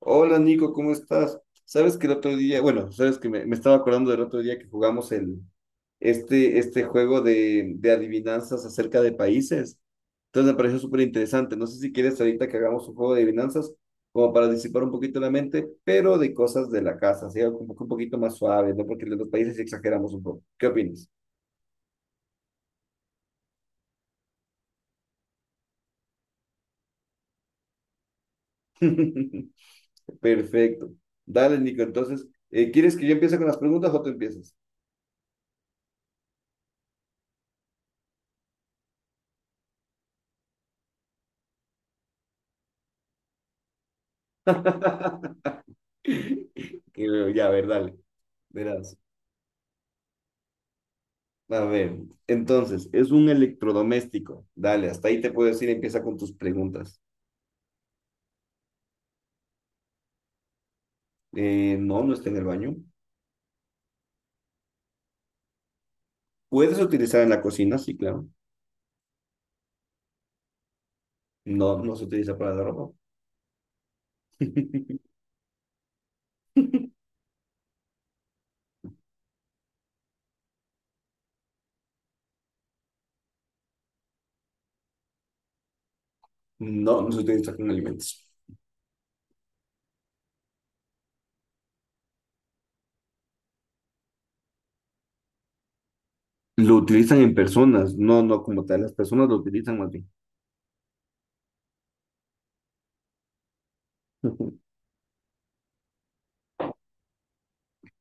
Hola Nico, ¿cómo estás? Sabes que el otro día, bueno, sabes que me estaba acordando del otro día que jugamos el juego de adivinanzas acerca de países. Entonces me pareció súper interesante. No sé si quieres ahorita que hagamos un juego de adivinanzas como para disipar un poquito la mente, pero de cosas de la casa, así algo como que un poquito más suave, ¿no? Porque de los países sí exageramos un poco. ¿Qué opinas? Perfecto. Dale, Nico, entonces, ¿quieres que yo empiece con las preguntas o tú empiezas? Y luego, ya, a ver, dale. Verás, a ver, entonces, es un electrodoméstico. Dale, hasta ahí te puedo decir, empieza con tus preguntas. No, no está en el baño. ¿Puedes utilizar en la cocina? Sí, claro. No, no se utiliza para la ropa. No, no se utiliza con alimentos. Lo utilizan en personas, no, no como tal. Las personas lo utilizan más bien.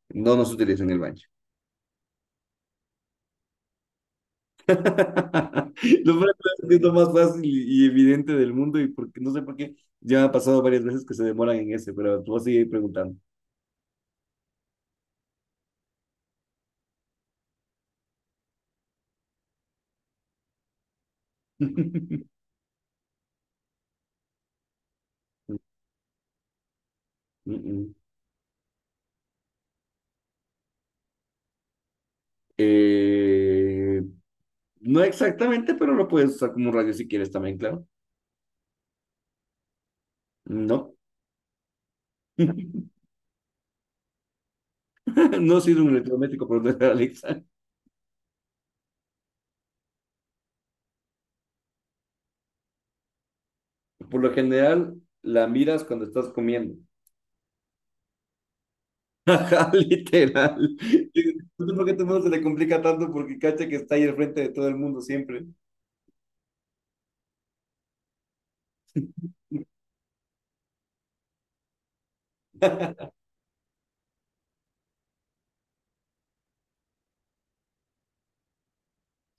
No, no se utiliza en el baño. Lo más... es que es lo más fácil y evidente del mundo y porque no sé por qué ya me ha pasado varias veces que se demoran en ese, pero tú vas a seguir preguntando. Mm, mm. eh, no exactamente, pero lo puedes usar como un radio si quieres también, claro. No. No sirve un electrodoméstico por donde Alexa. Por lo general, la miras cuando estás comiendo. Ajá, literal. No sé por qué a todo el mundo se le complica tanto porque cacha que está ahí al frente de todo el mundo siempre.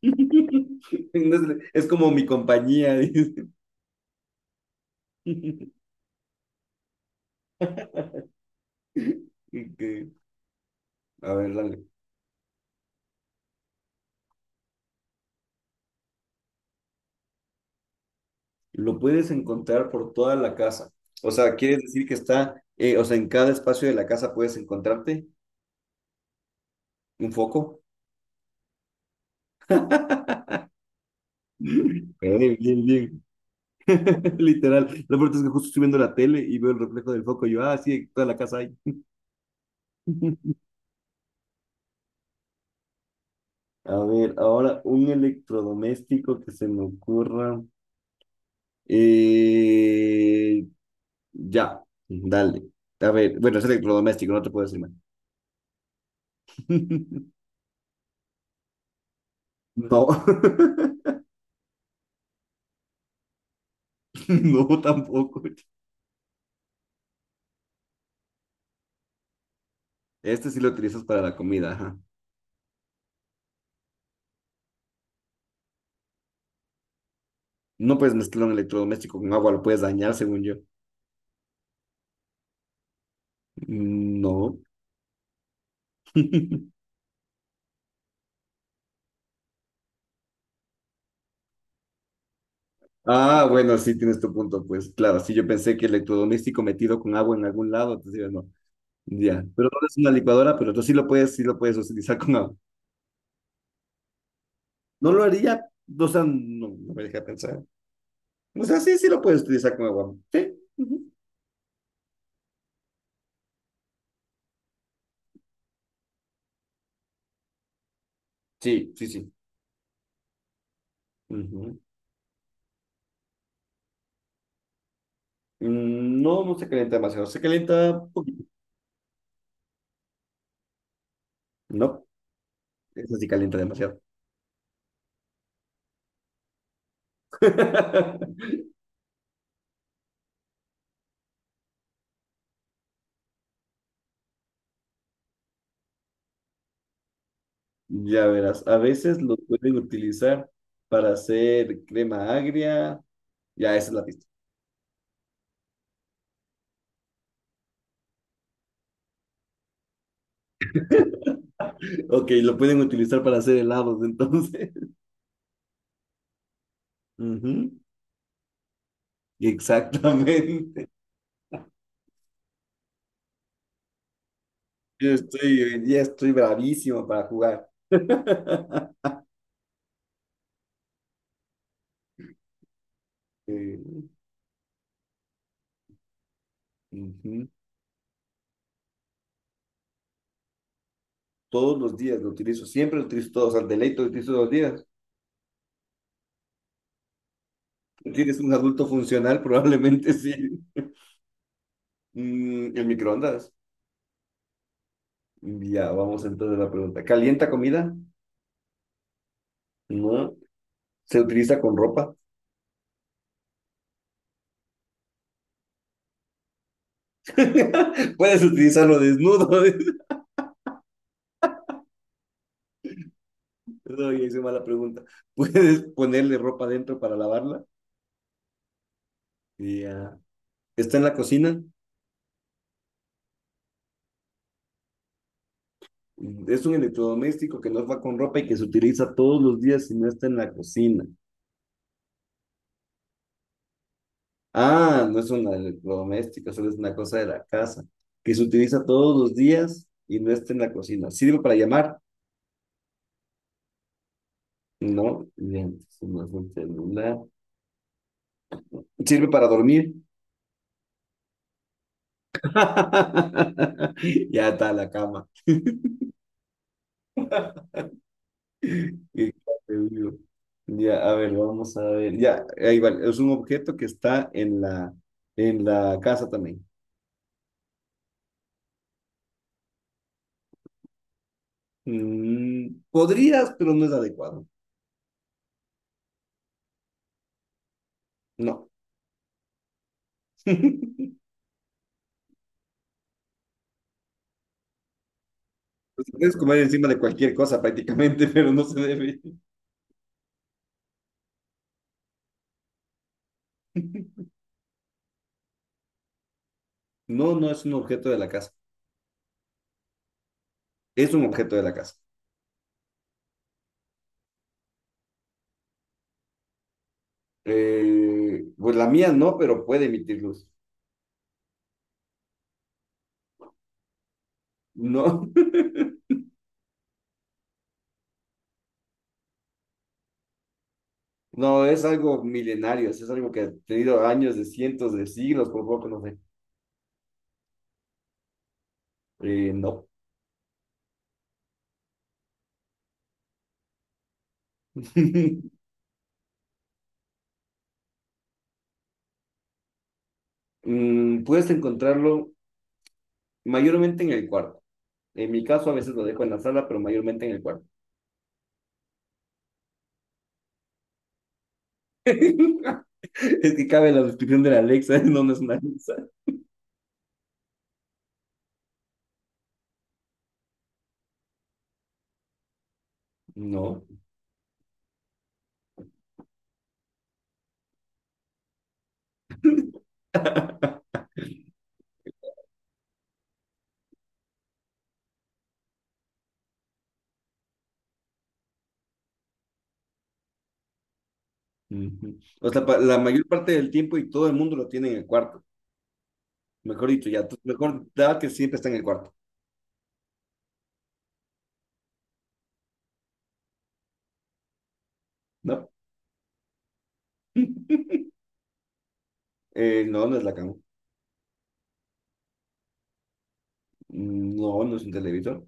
Entonces, es como mi compañía, dice. Ok, a ver, dale. Lo puedes encontrar por toda la casa. O sea, ¿quieres decir que está, o sea, en cada espacio de la casa puedes encontrarte un foco? Bien, bien. Literal. Lo peor es que justo estoy viendo la tele y veo el reflejo del foco y yo, ah, sí, toda la casa hay. A ver, ahora un electrodoméstico que se me ocurra. Eh, ya, dale. A ver, bueno, es electrodoméstico, no te puedo decir más. No. No tampoco. Este sí lo utilizas para la comida, ajá. No puedes mezclar un electrodoméstico con agua, lo puedes dañar, según yo. Mm, no. Ah, bueno, sí tienes tu punto, pues claro, sí yo pensé que electrodoméstico metido con agua en algún lado, entonces digo, no, ya, pero no es una licuadora, pero tú sí lo puedes utilizar con agua. No lo haría, o sea, no, no me deja pensar. O sea, sí, sí lo puedes utilizar con agua. Sí, ujú. Sí, sí, sí. Ujú. Mm, no, no se calienta demasiado, se calienta un poquito. No, eso sí calienta demasiado. Ya verás, a veces lo pueden utilizar para hacer crema agria. Ya, esa es la pista. Ok, lo pueden utilizar para hacer helados, entonces. Ujú. Exactamente. Yo estoy, hoy día estoy bravísimo para jugar. Eh, ujú. Todos los días lo utilizo, siempre lo utilizo todos, al deleito lo utilizo todos los días. Si ¿tienes un adulto funcional? Probablemente sí. Mm, el microondas. Ya, vamos entonces a la pregunta. ¿Calienta comida? No. ¿Se utiliza con ropa? Puedes utilizarlo desnudo. No, ya hice mala pregunta. Puedes ponerle ropa dentro para lavarla. Y ya. Está en la cocina. Es un electrodoméstico que no va con ropa y que se utiliza todos los días si no está en la cocina. Ah, no es un electrodoméstico, solo es una cosa de la casa. Que se utiliza todos los días y no está en la cocina. ¿Sirve para llamar? No, bien, no es un celular. ¿Sirve para dormir? Ya está la cama. Qué atrevido. Ya, a ver, vamos a ver. Ya, ahí vale. Es un objeto que está en en la casa también. Mm, podrías, pero no es adecuado. No. Se puedes comer encima de cualquier cosa prácticamente, pero no se debe. No, no es un objeto de la casa. Es un objeto de la casa. Pues la mía no, pero puede emitir luz. No. No, es algo milenario, es algo que ha tenido años de cientos de siglos, por poco no sé. No. Mm, puedes encontrarlo mayormente en el cuarto. En mi caso, a veces lo dejo en la sala, pero mayormente en el cuarto. Es que cabe la descripción de la Alexa, no, no es una Alexa. No. Ujú. O sea, pa- la mayor parte del tiempo y todo el mundo lo tiene en el cuarto. Mejor dicho, ya, tú- mejor da que siempre está en el cuarto, ¿no? No, no es la cama. Mm, no, no es un televisor.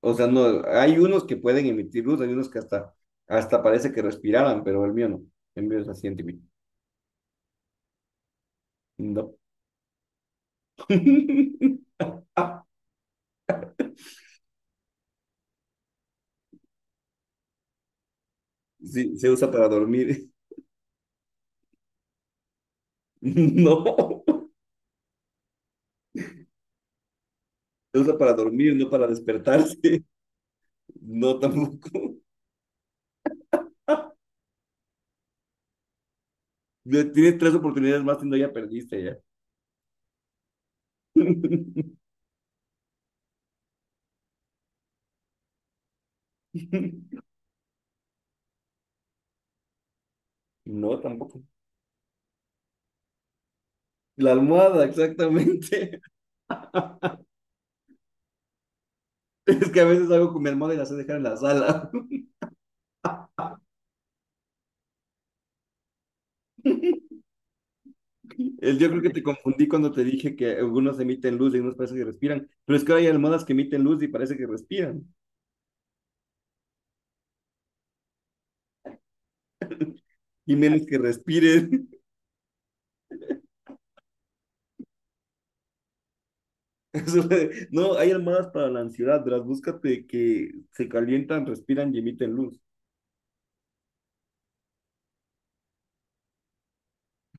O sea, no, hay unos que pueden emitir luz, hay unos que hasta parece que respiraran, pero el mío no. El mío es así antiguo. No. Sí, se usa para dormir. No, se usa para dormir, no para despertarse. No, tampoco. Ya tienes tres oportunidades más y no ya perdiste ya. No, tampoco. La almohada, exactamente. Es que a veces hago con mi almohada y la sé dejar en la sala. El- yo creo que te confundí cuando te dije que algunos emiten luz y algunos parece que respiran, pero es que ahora hay almohadas que emiten luz y parece que respiran, y menos que respiren. No, hay almohadas para la ansiedad, las búscate que se calientan, respiran y emiten luz.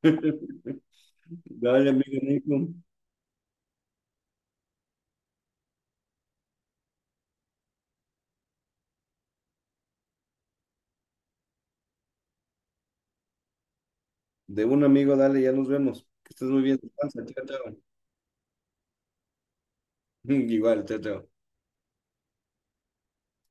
Dale, amigo Nico. De un amigo, dale, ya nos vemos. Que estés muy bien. Descansa. Chao, chao. Igual, chao, chao.